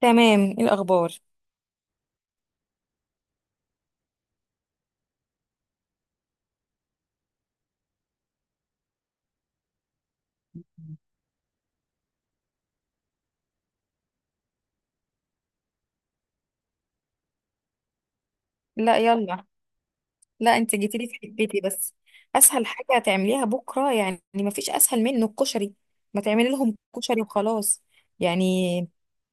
تمام. ايه الاخبار؟ لا يلا. لا، انت جيتيلي في حبيتي بس. اسهل حاجه هتعمليها بكره يعني ما فيش اسهل منه الكشري. ما تعملي لهم كشري وخلاص. يعني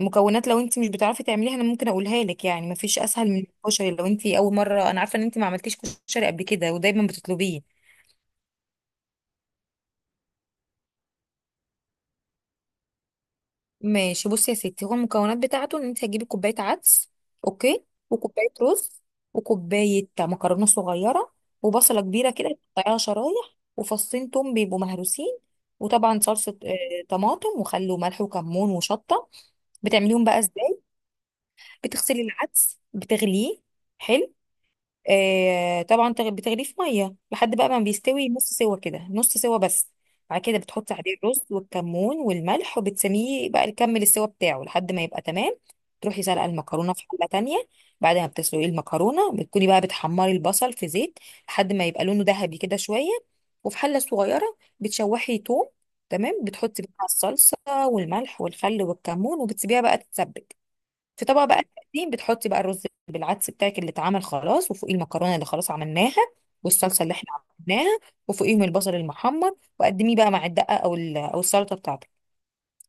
المكونات، لو انت مش بتعرفي تعمليها انا ممكن اقولها لك، يعني ما فيش اسهل من الكشري لو انت اول مره، انا عارفه ان انت ما عملتيش كشري قبل كده ودايما بتطلبيه. ماشي، بصي يا ستي، هو المكونات بتاعته ان انت هتجيبي كوبايه عدس. اوكي. وكوبايه رز، وكوبايه مكرونه صغيره، وبصله كبيره كده تقطعيها شرايح، وفصين توم بيبقوا مهروسين. وطبعا صلصه طماطم وخل وملح وكمون وشطه. بتعمليهم بقى ازاي؟ بتغسلي العدس، بتغليه. حلو. آه طبعا بتغليه في ميه لحد بقى ما بيستوي نص سوا كده، نص سوا بس. بعد كده بتحطي عليه الرز والكمون والملح وبتسميه بقى يكمل السوا بتاعه لحد ما يبقى تمام. تروحي سلقه المكرونه في حله تانية. بعد ما بتسلقي المكرونه بتكوني بقى بتحمري البصل في زيت لحد ما يبقى لونه ذهبي كده شويه. وفي حله صغيره بتشوحي توم. تمام، بتحطي بقى الصلصه والملح والخل والكمون، وبتسيبيها بقى تتسبك. في طبق بقى تقديم بتحطي بقى الرز بالعدس بتاعك اللي اتعمل خلاص، وفوقيه المكرونه اللي خلاص عملناها، والصلصه اللي احنا عملناها، وفوقيهم البصل المحمر، وقدميه بقى مع الدقه، او السلطه بتاعتك.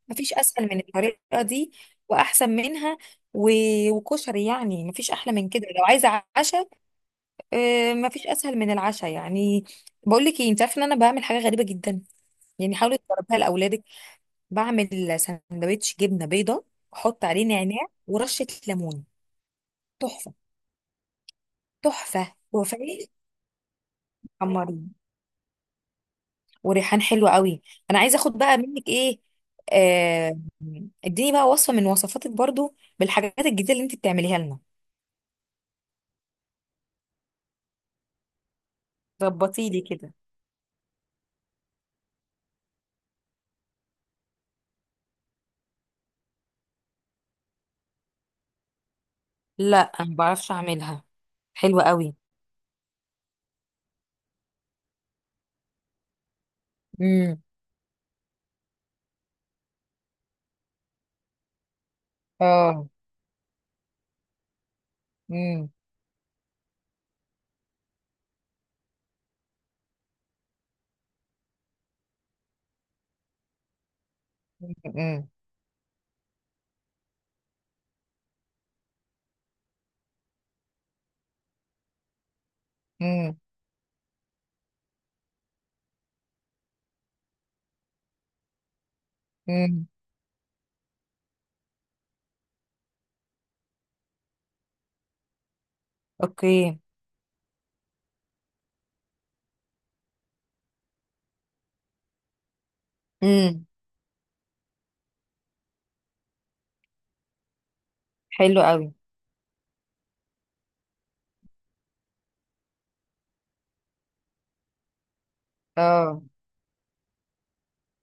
مفيش اسهل من الطريقه دي واحسن منها. و... وكشري، يعني مفيش احلى من كده لو عايزه عشاء. مفيش اسهل من العشاء يعني. بقول لك ايه، انت عارفه ان انا بعمل حاجه غريبه جدا؟ يعني حاولي تجربيها لاولادك. بعمل سندوتش جبنه بيضه، احط عليه نعناع ورشه ليمون. تحفه. تحفه وفاء. حمرين وريحان حلو قوي. انا عايزه اخد بقى منك ايه، آه، اديني بقى وصفه من وصفاتك برضو بالحاجات الجديده اللي انت بتعمليها لنا. ظبطي لي كده. لا، ما بعرفش اعملها. حلوه قوي. امم اه. امم امم امم امم اوكي. امم حلو قوي. اه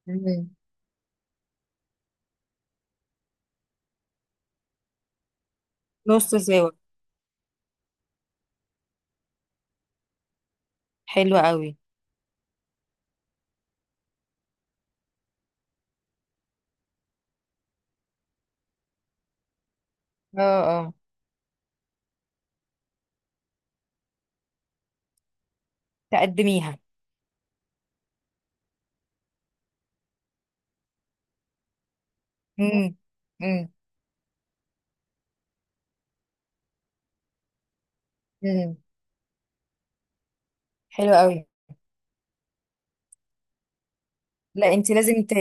امم نص سوا. حلو قوي. اه اه. تقدميها. امم امم امم حلو قوي. لا، انت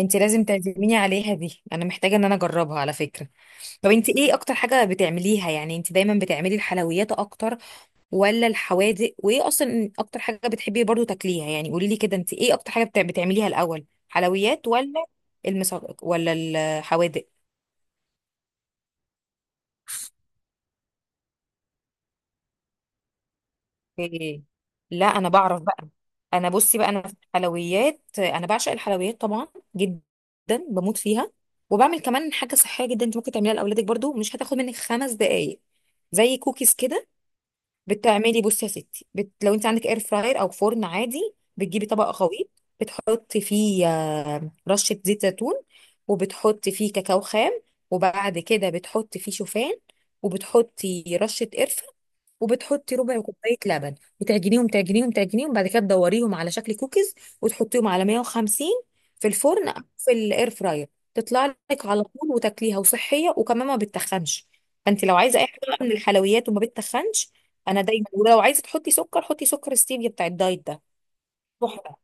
انت لازم تعزميني عليها دي، انا محتاجه ان انا اجربها على فكره. طب انت ايه اكتر حاجه بتعمليها يعني؟ انت دايما بتعملي الحلويات اكتر ولا الحوادق؟ وايه اصلا اكتر حاجه بتحبي برضو تاكليها؟ يعني قولي لي كده، انت ايه اكتر حاجه بتعمليها الاول، حلويات ولا ولا الحوادق؟ إيه. لا انا بعرف بقى. انا بصي بقى، انا في الحلويات انا بعشق الحلويات طبعا جدا. بموت فيها. وبعمل كمان حاجه صحيه جدا انت ممكن تعمليها لاولادك برضو، مش هتاخد منك خمس دقائق. زي كوكيز كده. بصي يا ستي, لو انت عندك اير فراير او فرن عادي، بتجيبي طبق خليط، بتحطي فيه رشه زيت زيتون، وبتحطي فيه كاكاو خام، وبعد كده بتحطي فيه شوفان، وبتحطي رشه قرفه، وبتحطي ربع كوبايه لبن، وتعجنيهم تعجنيهم تعجنيهم. بعد كده تدوريهم على شكل كوكيز وتحطيهم على 150 في الفرن او في الاير فراير. تطلع لك على طول وتاكليها، وصحيه وكمان ما بتتخنش. فانت لو عايزه اي حاجه بقى من الحلويات وما بتتخنش، انا دايما، ولو عايزه تحطي سكر حطي سكر ستيفيا بتاع الدايت ده. تحفه.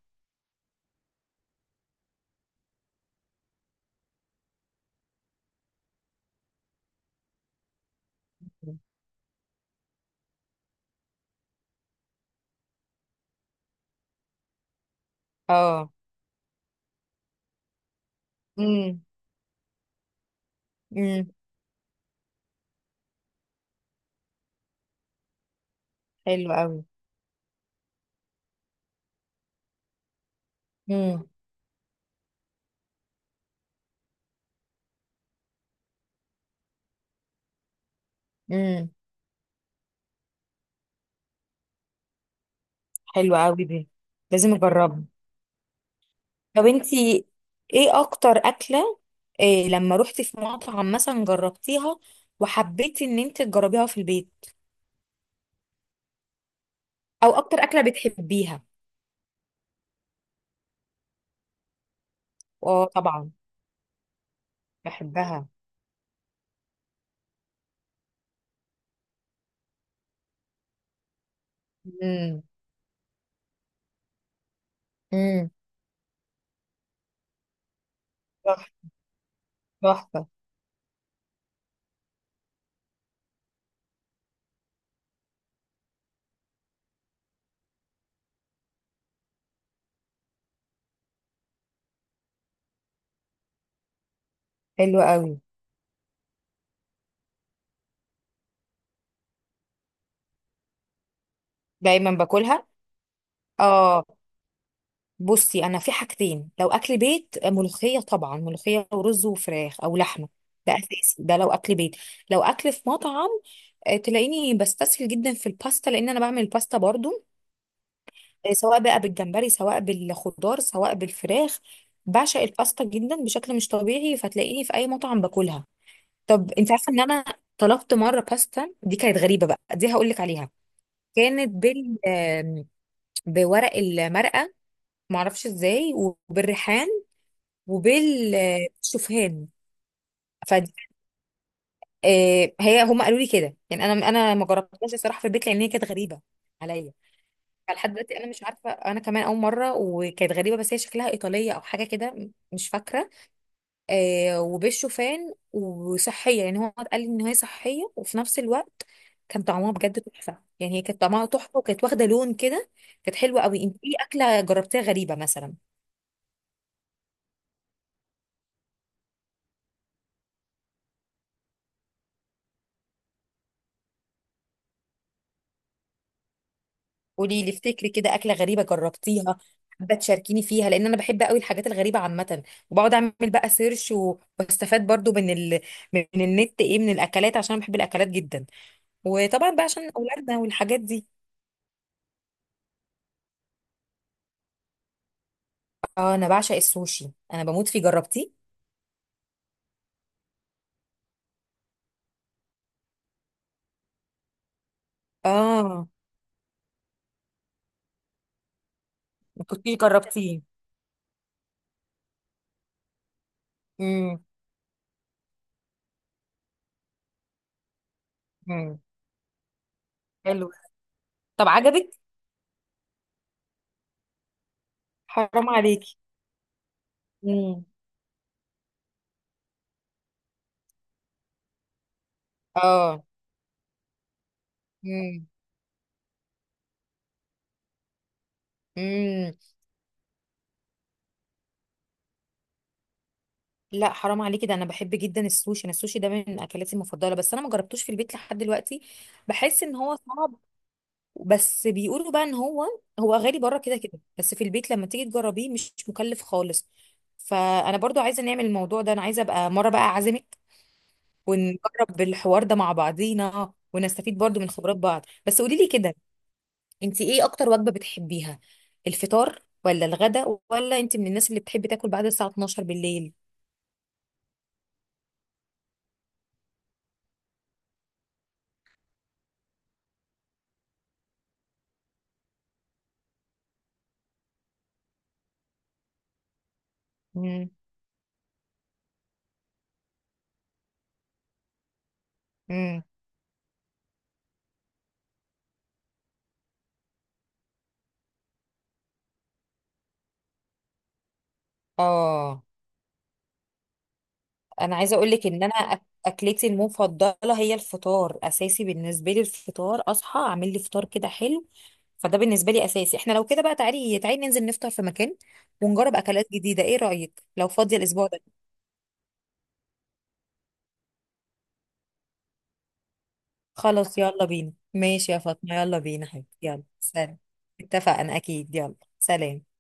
اه. امم امم حلو قوي. امم امم حلو قوي دي، لازم اجربها. طب انتي ايه اكتر اكله، إيه، لما روحتي في مطعم مثلا جربتيها وحبيتي ان انت تجربيها في البيت؟ او اكتر اكله بتحبيها؟ اه طبعا، بحبها. امم امم تحفه. تحفة. حلو قوي. دايما باكلها. اه، بصي، انا في حاجتين، لو اكل بيت، ملوخيه، طبعا ملوخيه ورز وفراخ او لحمه، ده اساسي ده لو اكل بيت. لو اكل في مطعم، تلاقيني بستسهل جدا في الباستا لان انا بعمل الباستا برضو، سواء بقى بالجمبري، سواء بالخضار، سواء بالفراخ. بعشق الباستا جدا بشكل مش طبيعي، فتلاقيني في اي مطعم باكلها. طب انت عارفه ان انا طلبت مره باستا دي كانت غريبه بقى؟ دي هقول لك عليها. كانت بال آم، بورق المرقه، معرفش ازاي، وبالريحان، وبالشوفان. ف آه، هي هم قالوا لي كده يعني، انا ما جربتهاش الصراحه في البيت، لان هي كانت غريبه عليا. فلحد دلوقتي انا مش عارفه، انا كمان اول مره، وكانت غريبه بس. هي شكلها ايطاليه او حاجه كده، مش فاكره. وبالشوفان، وصحيه يعني، هو قال لي ان هي صحيه، وفي نفس الوقت كان طعمها بجد تحفه، يعني هي كانت طعمها تحفه، وكانت واخده لون كده. كانت حلوه قوي. انت ايه اكله جربتيها غريبه مثلا؟ قولي لي افتكري كده، اكله غريبه جربتيها حابه تشاركيني فيها، لان انا بحب قوي الحاجات الغريبه عامه. وبقعد اعمل بقى سيرش واستفاد برضو من من النت ايه من الاكلات، عشان أنا بحب الاكلات جدا، وطبعا بقى عشان اولادنا والحاجات دي. اه، انا بعشق السوشي، انا بموت فيه. جربتيه؟ اه. ما كنتيش جربتيه. امم امم حلو. طب عجبك؟ حرام عليكي. امم اه امم إمم. لا حرام عليكي، ده انا بحب جدا السوشي، انا السوشي ده من اكلاتي المفضله، بس انا ما جربتوش في البيت لحد دلوقتي. بحس ان هو صعب، بس بيقولوا بقى ان هو، هو غالي بره كده كده، بس في البيت لما تيجي تجربيه مش مكلف خالص. فانا برضو عايزه نعمل الموضوع ده، انا عايزه ابقى مره بقى اعزمك ونجرب الحوار ده مع بعضينا ونستفيد برضو من خبرات بعض. بس قولي لي كده، انت ايه اكتر وجبه بتحبيها، الفطار ولا الغدا؟ ولا انت من الناس اللي بتحب تاكل بعد الساعه 12 بالليل؟ امم امم اه. انا عايزه اقول لك ان اكلتي المفضله هي الفطار، اساسي بالنسبه لي الفطار، اصحى اعمل لي فطار كده حلو. فده بالنسبه لي اساسي. احنا لو كده بقى تعالي، تعالي ننزل نفطر في مكان ونجرب اكلات جديده. ايه رايك لو فاضيه الاسبوع ده؟ خلاص، يلا بينا. ماشي يا فاطمه، يلا بينا حبيبي، يلا سلام. اتفقنا، اكيد. يلا، سلام.